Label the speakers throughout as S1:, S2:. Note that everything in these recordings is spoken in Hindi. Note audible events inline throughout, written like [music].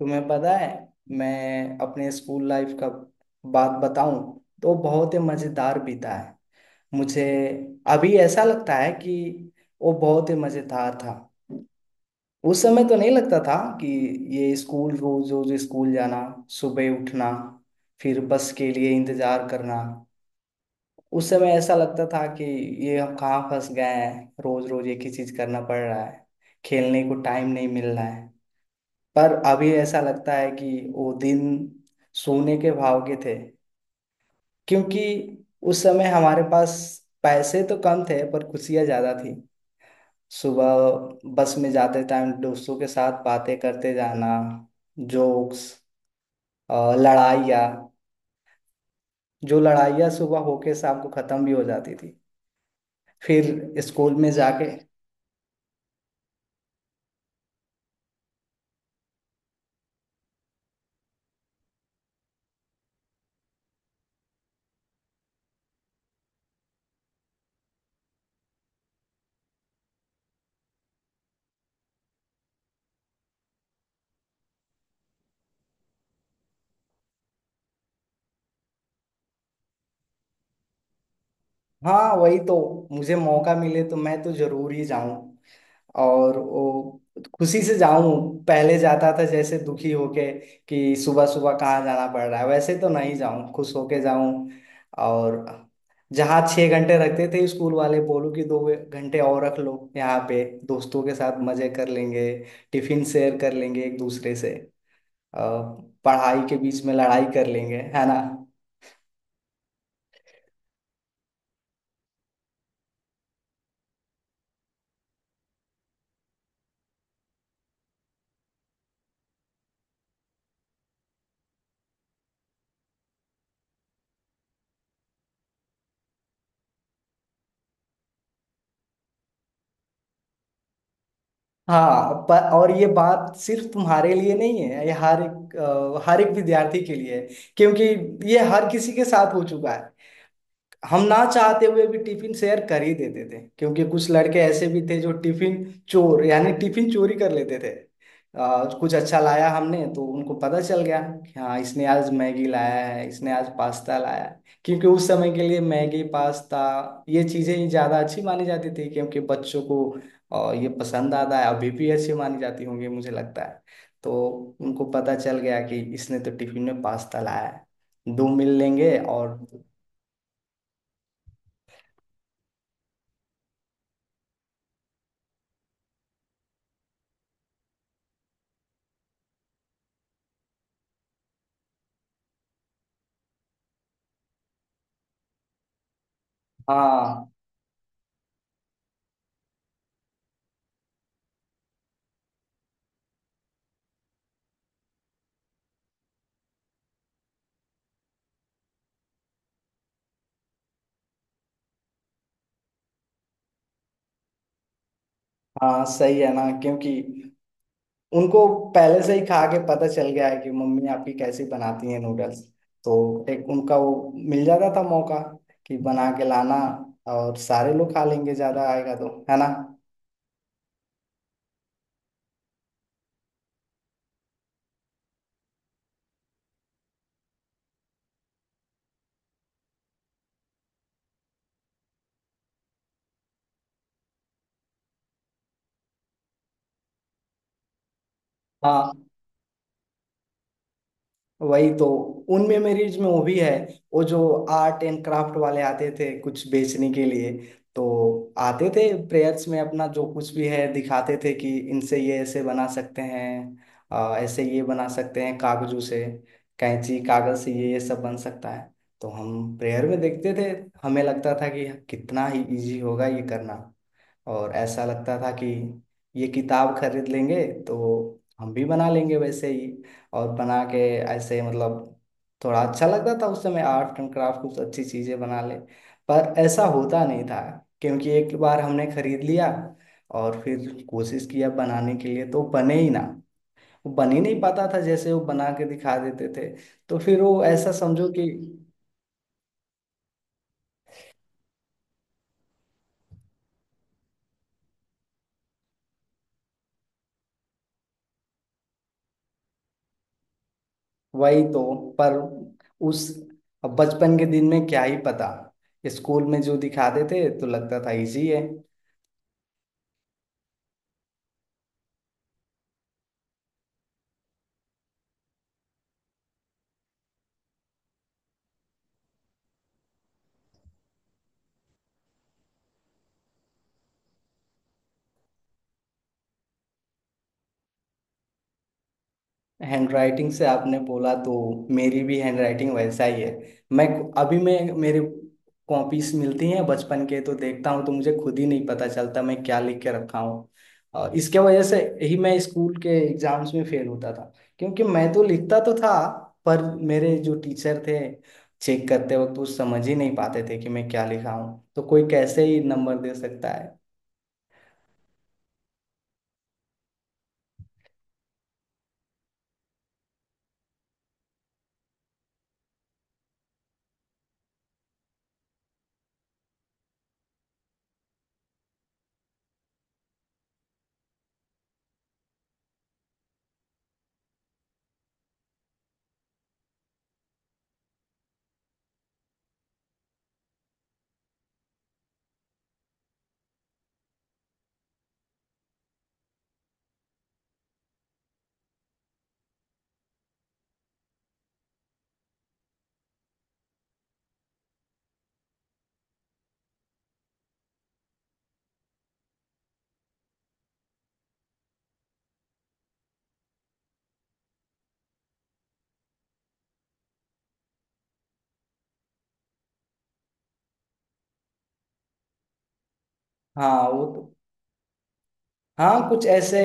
S1: तुम्हें पता है। मैं अपने स्कूल लाइफ का बात बताऊं तो बहुत ही मजेदार बीता है। मुझे अभी ऐसा लगता है कि वो बहुत ही मजेदार था। उस समय तो नहीं लगता था कि ये स्कूल, रोज रोज स्कूल जाना, सुबह उठना, फिर बस के लिए इंतजार करना। उस समय ऐसा लगता था कि ये हम कहाँ फंस गए हैं, रोज रोज एक ही चीज करना पड़ रहा है, खेलने को टाइम नहीं मिल रहा है। पर अभी ऐसा लगता है कि वो दिन सोने के भाव के थे। क्योंकि उस समय हमारे पास पैसे तो कम थे पर खुशियाँ ज़्यादा थी। सुबह बस में जाते टाइम दोस्तों के साथ बातें करते जाना, जोक्स, लड़ाइयाँ, जो लड़ाइयाँ सुबह होके शाम को ख़त्म भी हो जाती थी। फिर स्कूल में जाके। हाँ वही तो। मुझे मौका मिले तो मैं तो जरूर ही जाऊं, और वो खुशी से जाऊं। पहले जाता था जैसे दुखी होके कि सुबह सुबह कहाँ जाना पड़ रहा है, वैसे तो नहीं जाऊं, खुश होके जाऊं। और जहाँ 6 घंटे रखते थे स्कूल वाले, बोलो कि 2 घंटे और रख लो, यहाँ पे दोस्तों के साथ मजे कर लेंगे, टिफिन शेयर कर लेंगे एक दूसरे से। अ, पढ़ाई के बीच में लड़ाई कर लेंगे, है ना। हाँ पर, और ये बात सिर्फ तुम्हारे लिए नहीं है, ये हर एक हर एक विद्यार्थी के लिए है। क्योंकि ये हर किसी के साथ हो चुका है। हम ना चाहते हुए भी टिफिन शेयर कर ही देते थे, क्योंकि कुछ लड़के ऐसे भी थे जो टिफिन चोर, यानी टिफिन चोरी कर लेते थे। कुछ अच्छा लाया हमने तो उनको पता चल गया कि हाँ इसने आज मैगी लाया है, इसने आज पास्ता लाया है। क्योंकि उस समय के लिए मैगी पास्ता, ये चीजें ही ज्यादा अच्छी मानी जाती थी। क्योंकि बच्चों को ये पसंद आता है, अभी भी अच्छी मानी जाती होंगी मुझे लगता है। तो उनको पता चल गया कि इसने तो टिफिन में पास्ता लाया है, दो मिल लेंगे। और हाँ। हाँ सही है ना। क्योंकि उनको पहले से ही खा के पता चल गया है कि मम्मी आपकी कैसी बनाती है नूडल्स। तो एक उनका वो मिल जाता था मौका कि बना के लाना और सारे लोग खा लेंगे, ज्यादा आएगा तो, है ना। हाँ वही तो। उनमें मेरी इसमें वो भी है, वो जो आर्ट एंड क्राफ्ट वाले आते थे कुछ बेचने के लिए। तो आते थे प्रेयर्स में, अपना जो कुछ भी है दिखाते थे कि इनसे ये ऐसे बना सकते हैं, ऐसे ये बना सकते हैं कागजों से। कैंची कागज से ये सब बन सकता है। तो हम प्रेयर में देखते थे, हमें लगता था कि कितना ही इजी होगा ये करना। और ऐसा लगता था कि ये किताब खरीद लेंगे तो हम भी बना लेंगे वैसे ही। और बना के ऐसे, मतलब थोड़ा अच्छा लगता था उस समय, आर्ट एंड क्राफ्ट कुछ अच्छी चीज़ें बना ले। पर ऐसा होता नहीं था। क्योंकि एक बार हमने खरीद लिया और फिर कोशिश किया बनाने के लिए, तो बने ही ना। वो बन ही नहीं पाता था जैसे वो बना के दिखा देते थे। तो फिर वो ऐसा समझो कि वही तो। पर उस, अब बचपन के दिन में क्या ही पता। स्कूल में जो दिखाते थे तो लगता था इजी है। हैंडराइटिंग से आपने बोला तो, मेरी भी हैंडराइटिंग वैसा ही है। मैं अभी मैं मेरे कॉपीज मिलती हैं बचपन के, तो देखता हूँ तो मुझे खुद ही नहीं पता चलता मैं क्या लिख के रखा हूँ। और इसके वजह से ही मैं स्कूल के एग्जाम्स में फेल होता था। क्योंकि मैं तो लिखता तो था, पर मेरे जो टीचर थे, चेक करते वक्त वो समझ ही नहीं पाते थे कि मैं क्या लिखा हूँ, तो कोई कैसे ही नंबर दे सकता है। हाँ वो तो। हाँ कुछ ऐसे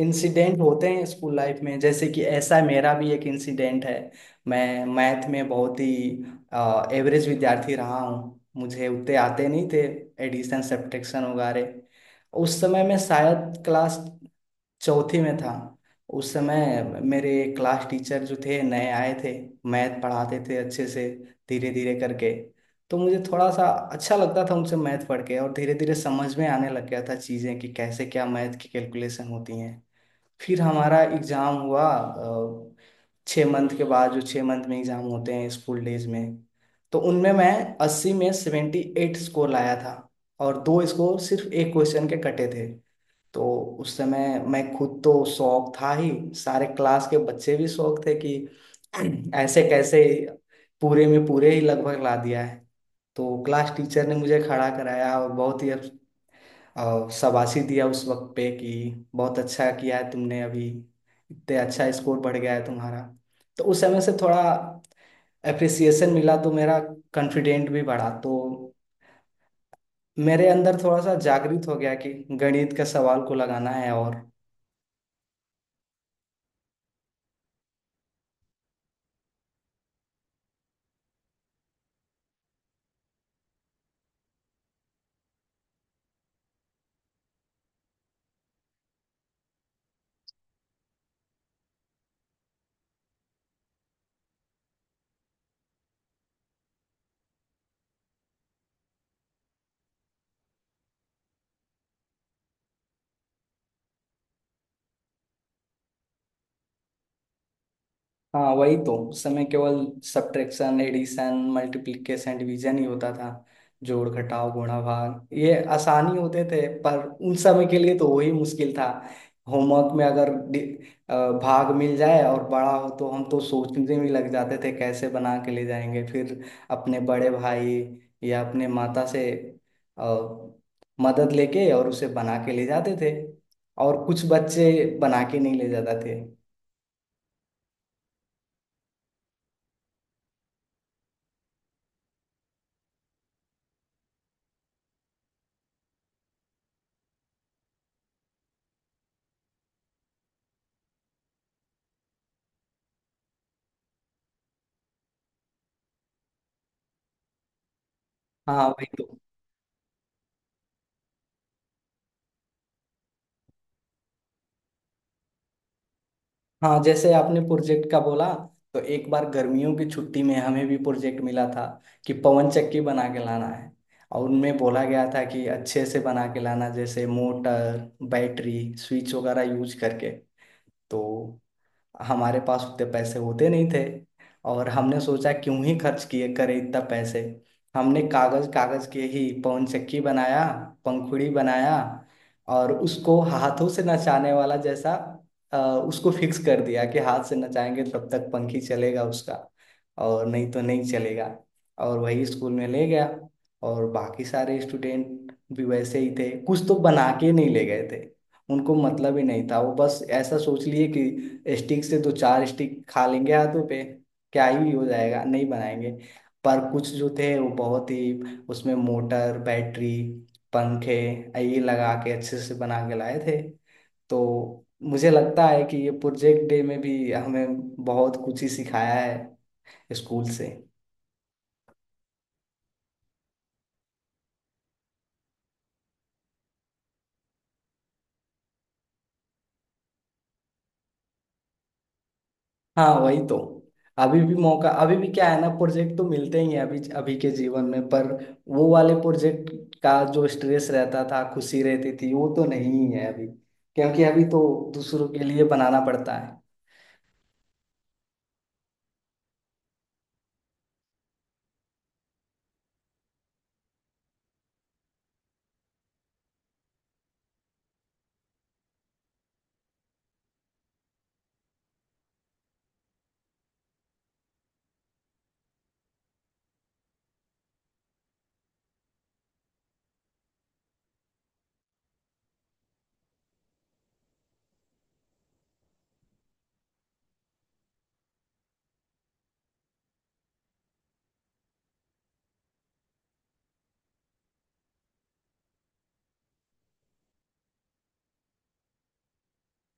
S1: इंसिडेंट होते हैं स्कूल लाइफ में, जैसे कि ऐसा मेरा भी एक इंसिडेंट है। मैं मैथ में बहुत ही एवरेज विद्यार्थी रहा हूँ, मुझे उतने आते नहीं थे एडिशन सब्ट्रैक्शन वगैरह। उस समय मैं शायद क्लास चौथी में था। उस समय मेरे क्लास टीचर जो थे नए आए थे, मैथ पढ़ाते थे अच्छे से, धीरे धीरे करके। तो मुझे थोड़ा सा अच्छा लगता था उनसे मैथ पढ़ के, और धीरे धीरे समझ में आने लग गया था चीज़ें कि कैसे क्या मैथ की कैलकुलेशन होती हैं। फिर हमारा एग्ज़ाम हुआ 6 मंथ के बाद, जो 6 मंथ में एग्ज़ाम होते हैं स्कूल डेज में। तो उनमें मैं 80 में 78 स्कोर लाया था, और 2 स्कोर सिर्फ एक क्वेश्चन के कटे थे। तो उस समय मैं खुद तो शौक था ही, सारे क्लास के बच्चे भी शौक थे कि [clears throat] ऐसे कैसे पूरे में पूरे ही लगभग ला दिया है। तो क्लास टीचर ने मुझे खड़ा कराया और बहुत ही शाबाशी दिया उस वक्त पे कि बहुत अच्छा किया है तुमने, अभी इतने अच्छा स्कोर बढ़ गया है तुम्हारा। तो उस समय से थोड़ा अप्रिसिएशन मिला तो मेरा कॉन्फिडेंट भी बढ़ा। तो मेरे अंदर थोड़ा सा जागृत हो गया कि गणित का सवाल को लगाना है। और हाँ वही तो। उस समय केवल सब्ट्रैक्शन एडिशन मल्टीप्लिकेशन डिवीजन ही होता था, जोड़ घटाव गुणा भाग, ये आसानी होते थे पर उन समय के लिए तो वही मुश्किल था। होमवर्क में अगर अ, भाग मिल जाए और बड़ा हो तो हम तो सोचने में लग जाते थे कैसे बना के ले जाएंगे। फिर अपने बड़े भाई या अपने माता से अ, मदद लेके और उसे बना के ले जाते थे। और कुछ बच्चे बना के नहीं ले जाते थे। हाँ वही तो। हाँ जैसे आपने प्रोजेक्ट का बोला, तो एक बार गर्मियों की छुट्टी में हमें भी प्रोजेक्ट मिला था कि पवन चक्की बना के लाना है। और उनमें बोला गया था कि अच्छे से बना के लाना, जैसे मोटर बैटरी स्विच वगैरह यूज करके। तो हमारे पास उतने पैसे होते नहीं थे। और हमने सोचा क्यों ही खर्च किए करे इतना पैसे। हमने कागज, कागज के ही पवन चक्की बनाया, पंखुड़ी बनाया। और उसको हाथों से नचाने वाला जैसा अ, उसको फिक्स कर दिया कि हाथ से नचाएंगे तब तक पंखी चलेगा उसका, और नहीं तो नहीं चलेगा। और वही स्कूल में ले गया। और बाकी सारे स्टूडेंट भी वैसे ही थे, कुछ तो बना के नहीं ले गए थे, उनको मतलब ही नहीं था। वो बस ऐसा सोच लिए कि स्टिक से दो चार स्टिक खा लेंगे हाथों पे, क्या ही हो जाएगा, नहीं बनाएंगे। पर कुछ जो थे वो बहुत ही, उसमें मोटर बैटरी पंखे ये लगा के अच्छे से बना के लाए थे। तो मुझे लगता है कि ये प्रोजेक्ट डे में भी हमें बहुत कुछ ही सिखाया है स्कूल से। हाँ वही तो। अभी भी मौका, अभी भी क्या है ना, प्रोजेक्ट तो मिलते ही हैं अभी अभी के जीवन में। पर वो वाले प्रोजेक्ट का जो स्ट्रेस रहता था, खुशी रहती थी, वो तो नहीं है अभी। क्योंकि अभी तो दूसरों के लिए बनाना पड़ता है।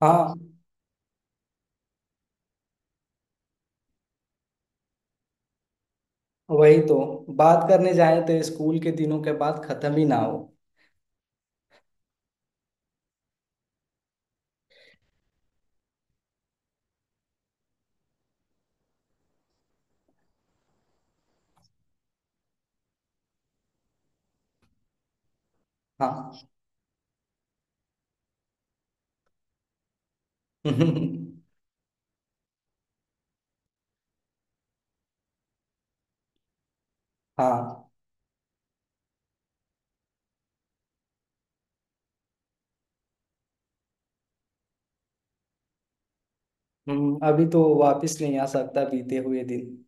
S1: हाँ वही तो। बात करने जाए तो स्कूल के दिनों के बाद खत्म ही ना हो। हाँ [laughs] हाँ। अभी तो वापस नहीं आ सकता बीते हुए दिन।